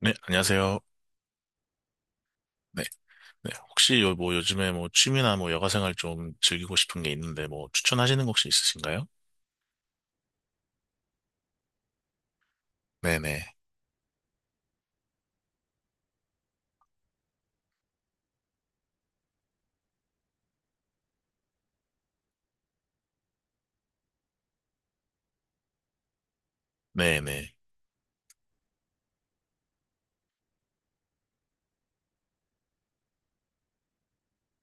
네, 안녕하세요. 네, 네. 혹시 요, 뭐 요즘에 뭐 취미나 뭐 여가 생활 좀 즐기고 싶은 게 있는데 뭐 추천하시는 거 혹시 있으신가요? 네네. 네네.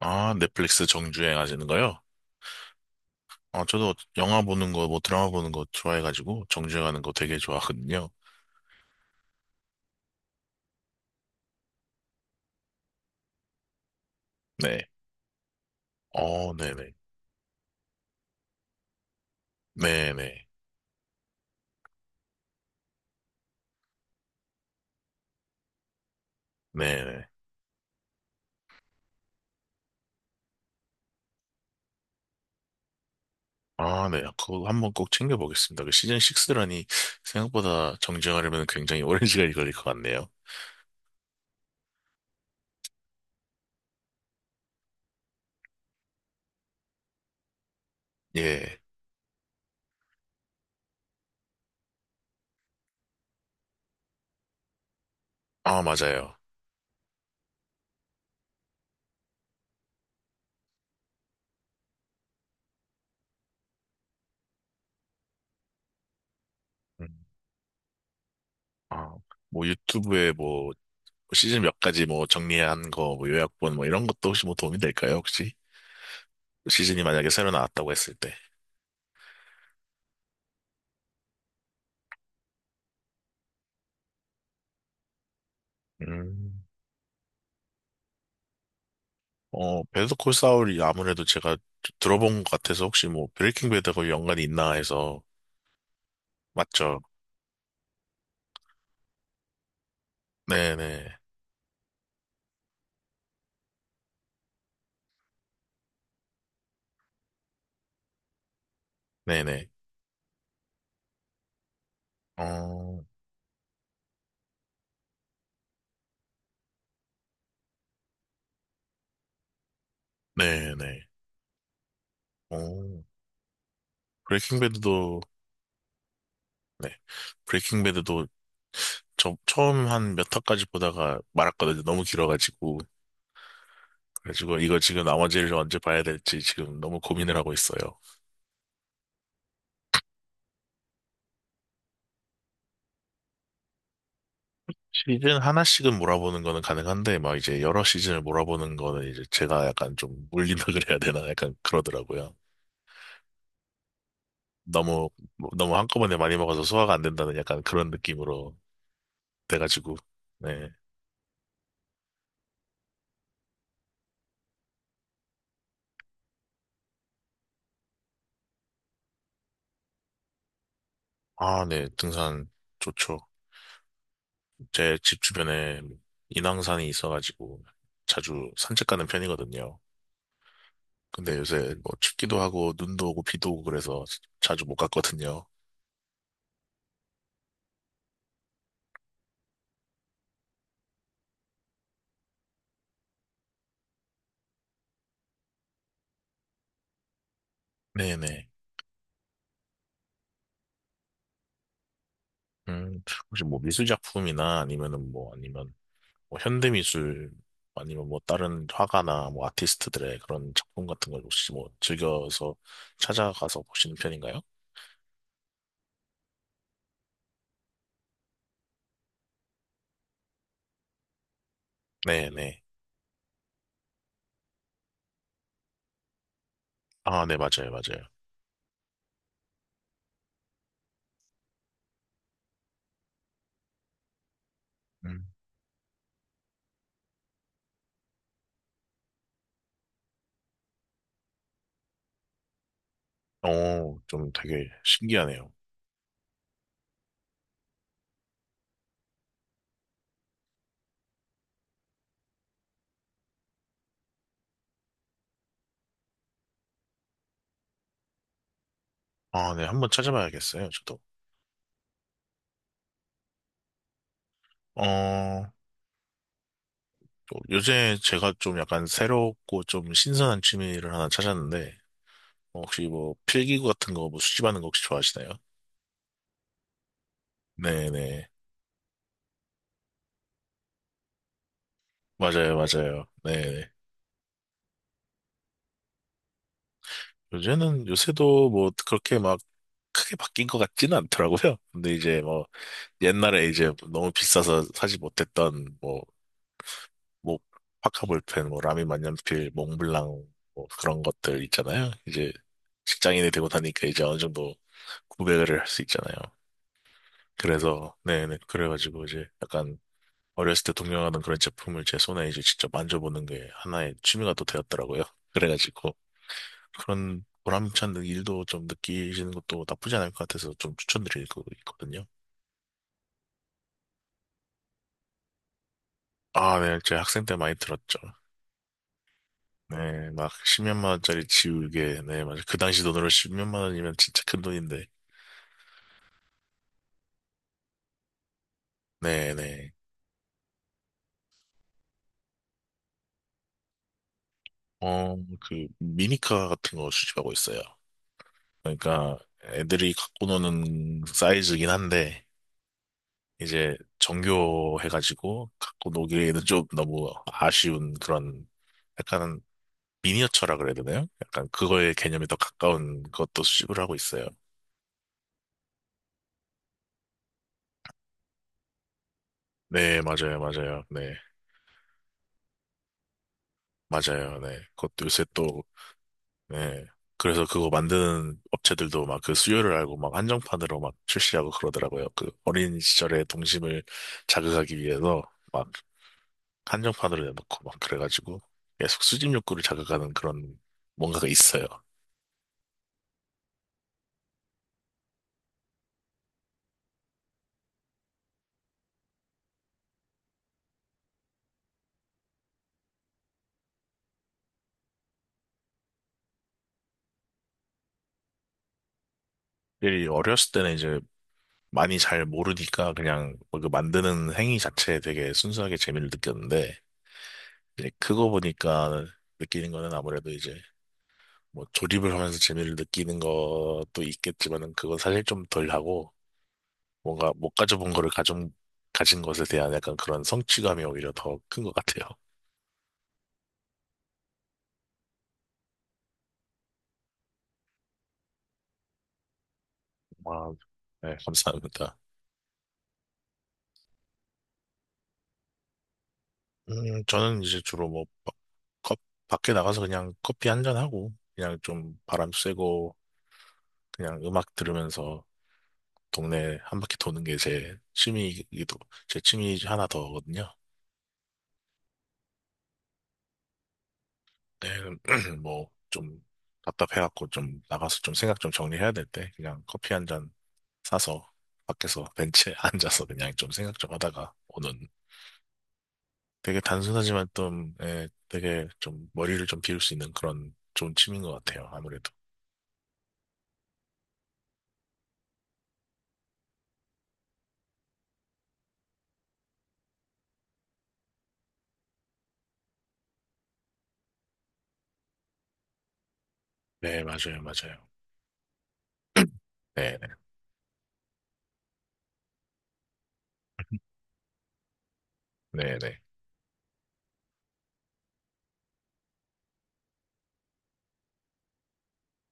아, 넷플릭스 정주행 하시는 거요? 아, 저도 영화 보는 거, 뭐 드라마 보는 거 좋아해가지고 정주행하는 거 되게 좋아하거든요. 네. 어, 네네. 네네. 네네. 아, 네. 그거 한번 꼭 챙겨보겠습니다. 그 시즌 6라니 생각보다 정주행하려면 굉장히 오랜 시간이 걸릴 것 같네요. 예. 아, 맞아요. 음. 아, 뭐 유튜브에 뭐 시즌 몇 가지 뭐 정리한 거, 뭐 요약본 뭐 이런 것도 혹시 뭐 도움이 될까요, 혹시? 시즌이 만약에 새로 나왔다고 했을 때. 음. 어, 베터 콜 사울이 아무래도 제가 들어본 것 같아서 혹시 뭐 브레이킹 배드하고 연관이 있나 해서. 맞죠? 네네. 네네. 어, 네네. 어, 브레이킹 배드도, 네. 브레이킹 배드도 저 처음 한 몇 화까지 보다가 말았거든요. 너무 길어가지고. 그래가지고 이거 지금 나머지를 언제 봐야 될지 지금 너무 고민을 하고 있어요. 시즌 하나씩은 몰아보는 거는 가능한데 막 이제 여러 시즌을 몰아보는 거는 이제 제가 약간 좀 물린다 그래야 되나 약간 그러더라고요. 너무 뭐, 너무 한꺼번에 많이 먹어서 소화가 안 된다는 약간 그런 느낌으로 돼가지고 네. 아, 네. 등산 좋죠. 제 집 주변에 인왕산이 있어가지고 자주 산책 가는 편이거든요. 근데 요새 뭐 춥기도 하고 눈도 오고 비도 오고 그래서 자주 못 갔거든요. 네네. 음, 혹시 뭐 미술작품이나 아니면은 뭐 아니면 뭐 현대미술 아니면 뭐 다른 화가나 뭐 아티스트들의 그런 작품 같은 걸 혹시 뭐 즐겨서 찾아가서 보시는 편인가요? 네네. 아, 네, 맞아요, 맞아요. 음. 어, 좀 되게 신기하네요. 아, 네, 한번 찾아봐야겠어요, 저도. 어, 또 요새 제가 좀 약간 새롭고 좀 신선한 취미를 하나 찾았는데, 어, 혹시 뭐 필기구 같은 거 뭐 수집하는 거 혹시 좋아하시나요? 네네. 맞아요, 맞아요. 네네. 요새도 뭐 그렇게 막 크게 바뀐 것 같지는 않더라고요. 근데 이제 뭐 옛날에 이제 너무 비싸서 사지 못했던 뭐, 뭐, 파카볼펜, 뭐, 라미 만년필, 몽블랑, 뭐 그런 것들 있잖아요. 이제 직장인이 되고 다니까 이제 어느 정도 구매를 할 수 있잖아요. 그래서, 네네. 그래가지고 이제 약간 어렸을 때 동경하던 그런 제품을 제 손에 이제 직접 만져보는 게 하나의 취미가 또 되었더라고요. 그래가지고 그런 보람찬 일도 좀 느끼시는 것도 나쁘지 않을 것 같아서 좀 추천드릴 거 있거든요. 아, 네, 제 학생 때 많이 들었죠. 네, 막 10몇만 원짜리 지우개, 네, 맞아요. 그 당시 돈으로 10몇만 원이면 진짜 큰 돈인데, 네, 네. 어, 그 미니카 같은 거 수집하고 있어요. 그러니까 애들이 갖고 노는 사이즈긴 한데. 이제 정교해가지고 갖고 노기에는 좀 너무 아쉬운 그런 약간 미니어처라 그래야 되나요? 약간 그거의 개념이 더 가까운 것도 수집을 하고 있어요. 네, 맞아요, 맞아요. 네, 맞아요. 네. 그것도 요새 또, 네. 그래서 그거 만드는 업체들도 막 그 수요를 알고 막 한정판으로 막 출시하고 그러더라고요. 그 어린 시절의 동심을 자극하기 위해서 막 한정판으로 내놓고 막 그래가지고 계속 수집 욕구를 자극하는 그런 뭔가가 있어요. 일이 어렸을 때는 이제 많이 잘 모르니까 그냥 뭐그 만드는 행위 자체에 되게 순수하게 재미를 느꼈는데 이제 크고 보니까 느끼는 거는 아무래도 이제 뭐 조립을 하면서 재미를 느끼는 것도 있겠지만은 그건 사실 좀 덜 하고 뭔가 못 가져본 거를 가져 가진 것에 대한 약간 그런 성취감이 오히려 더 큰 것 같아요. 아, 네, 감사합니다. 저는 이제 주로 뭐 컵- 밖에 나가서 그냥 커피 한 잔하고 그냥 좀 바람 쐬고 그냥 음악 들으면서 동네 한 바퀴 도는 게 제 취미 중 하나 더거든요. 네, 뭐, 좀 답답해갖고 좀 나가서 좀 생각 좀 정리해야 될 때 그냥 커피 한 잔 사서 밖에서 벤치에 앉아서 그냥 좀 생각 좀 하다가 오는 되게 단순하지만 좀, 예, 되게 좀 머리를 좀 비울 수 있는 그런 좋은 취미인 것 같아요. 아무래도. 네, 맞아요, 맞아요. 네, 네, 네, 네.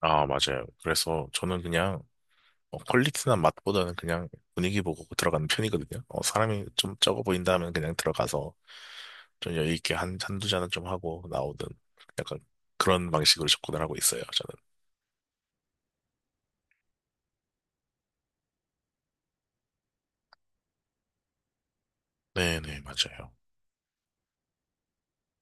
아, 맞아요. 그래서 저는 그냥 어, 퀄리티나 맛보다는 그냥 분위기 보고 들어가는 편이거든요. 어, 사람이 좀 적어 보인다 하면 그냥 들어가서 좀 여유 있게 한두 잔은 좀 하고 나오든 약간 그런 방식으로 접근을 하고 있어요, 저는. 네네, 맞아요.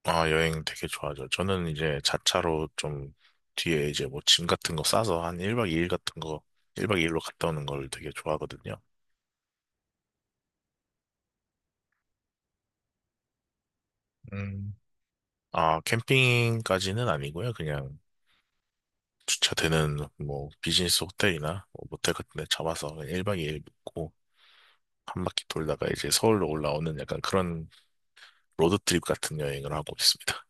아, 여행 되게 좋아하죠. 저는 이제 자차로 좀 뒤에 이제 뭐 짐 같은 거 싸서 한 1박 2일 같은 거 1박 2일로 갔다 오는 걸 되게 좋아하거든요. 음. 아, 캠핑까지는 아니고요. 그냥 주차되는 뭐 비즈니스 호텔이나 뭐 모텔 같은 데 잡아서 그냥 1박 2일 묵고 한 바퀴 돌다가 이제 서울로 올라오는 약간 그런 로드트립 같은 여행을 하고 있습니다.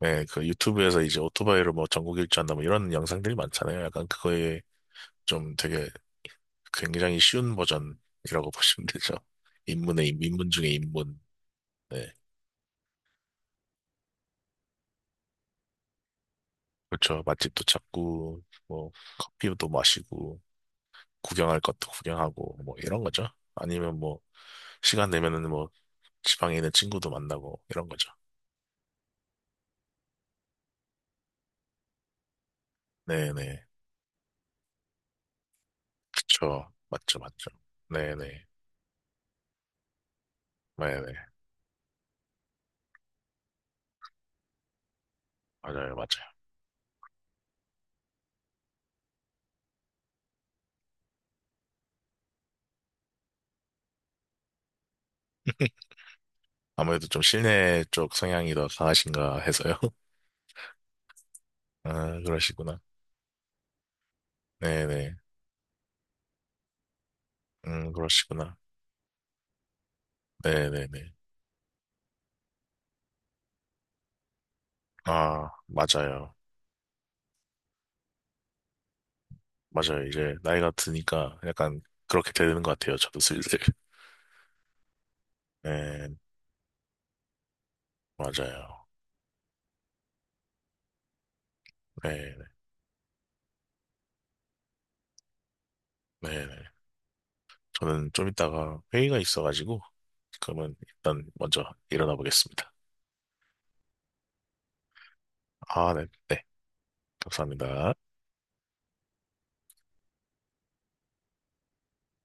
네, 그 유튜브에서 이제 오토바이로 뭐 전국 일주한다 뭐 이런 영상들이 많잖아요. 약간 그거에 좀 되게 굉장히 쉬운 버전이라고 보시면 되죠. 입문 중에 입문. 네. 그렇죠. 맛집도 찾고, 뭐, 커피도 마시고, 구경할 것도 구경하고, 뭐, 이런 거죠. 아니면 뭐, 시간 내면은 뭐, 지방에 있는 친구도 만나고 이런 거죠. 네네. 그쵸. 맞죠, 맞죠. 네네. 네네. 맞아요, 맞아요. 아무래도 좀 실내 쪽 성향이 더 강하신가 해서요. 아, 그러시구나. 네네. 그러시구나. 네네네. 아, 맞아요. 맞아요. 이제 나이가 드니까 약간 그렇게 되는 것 같아요. 저도 슬슬. 네, 맞아요. 네네. 네네. 저는 좀 이따가 회의가 있어가지고, 그러면 일단 먼저 일어나 보겠습니다. 아, 네. 네. 감사합니다.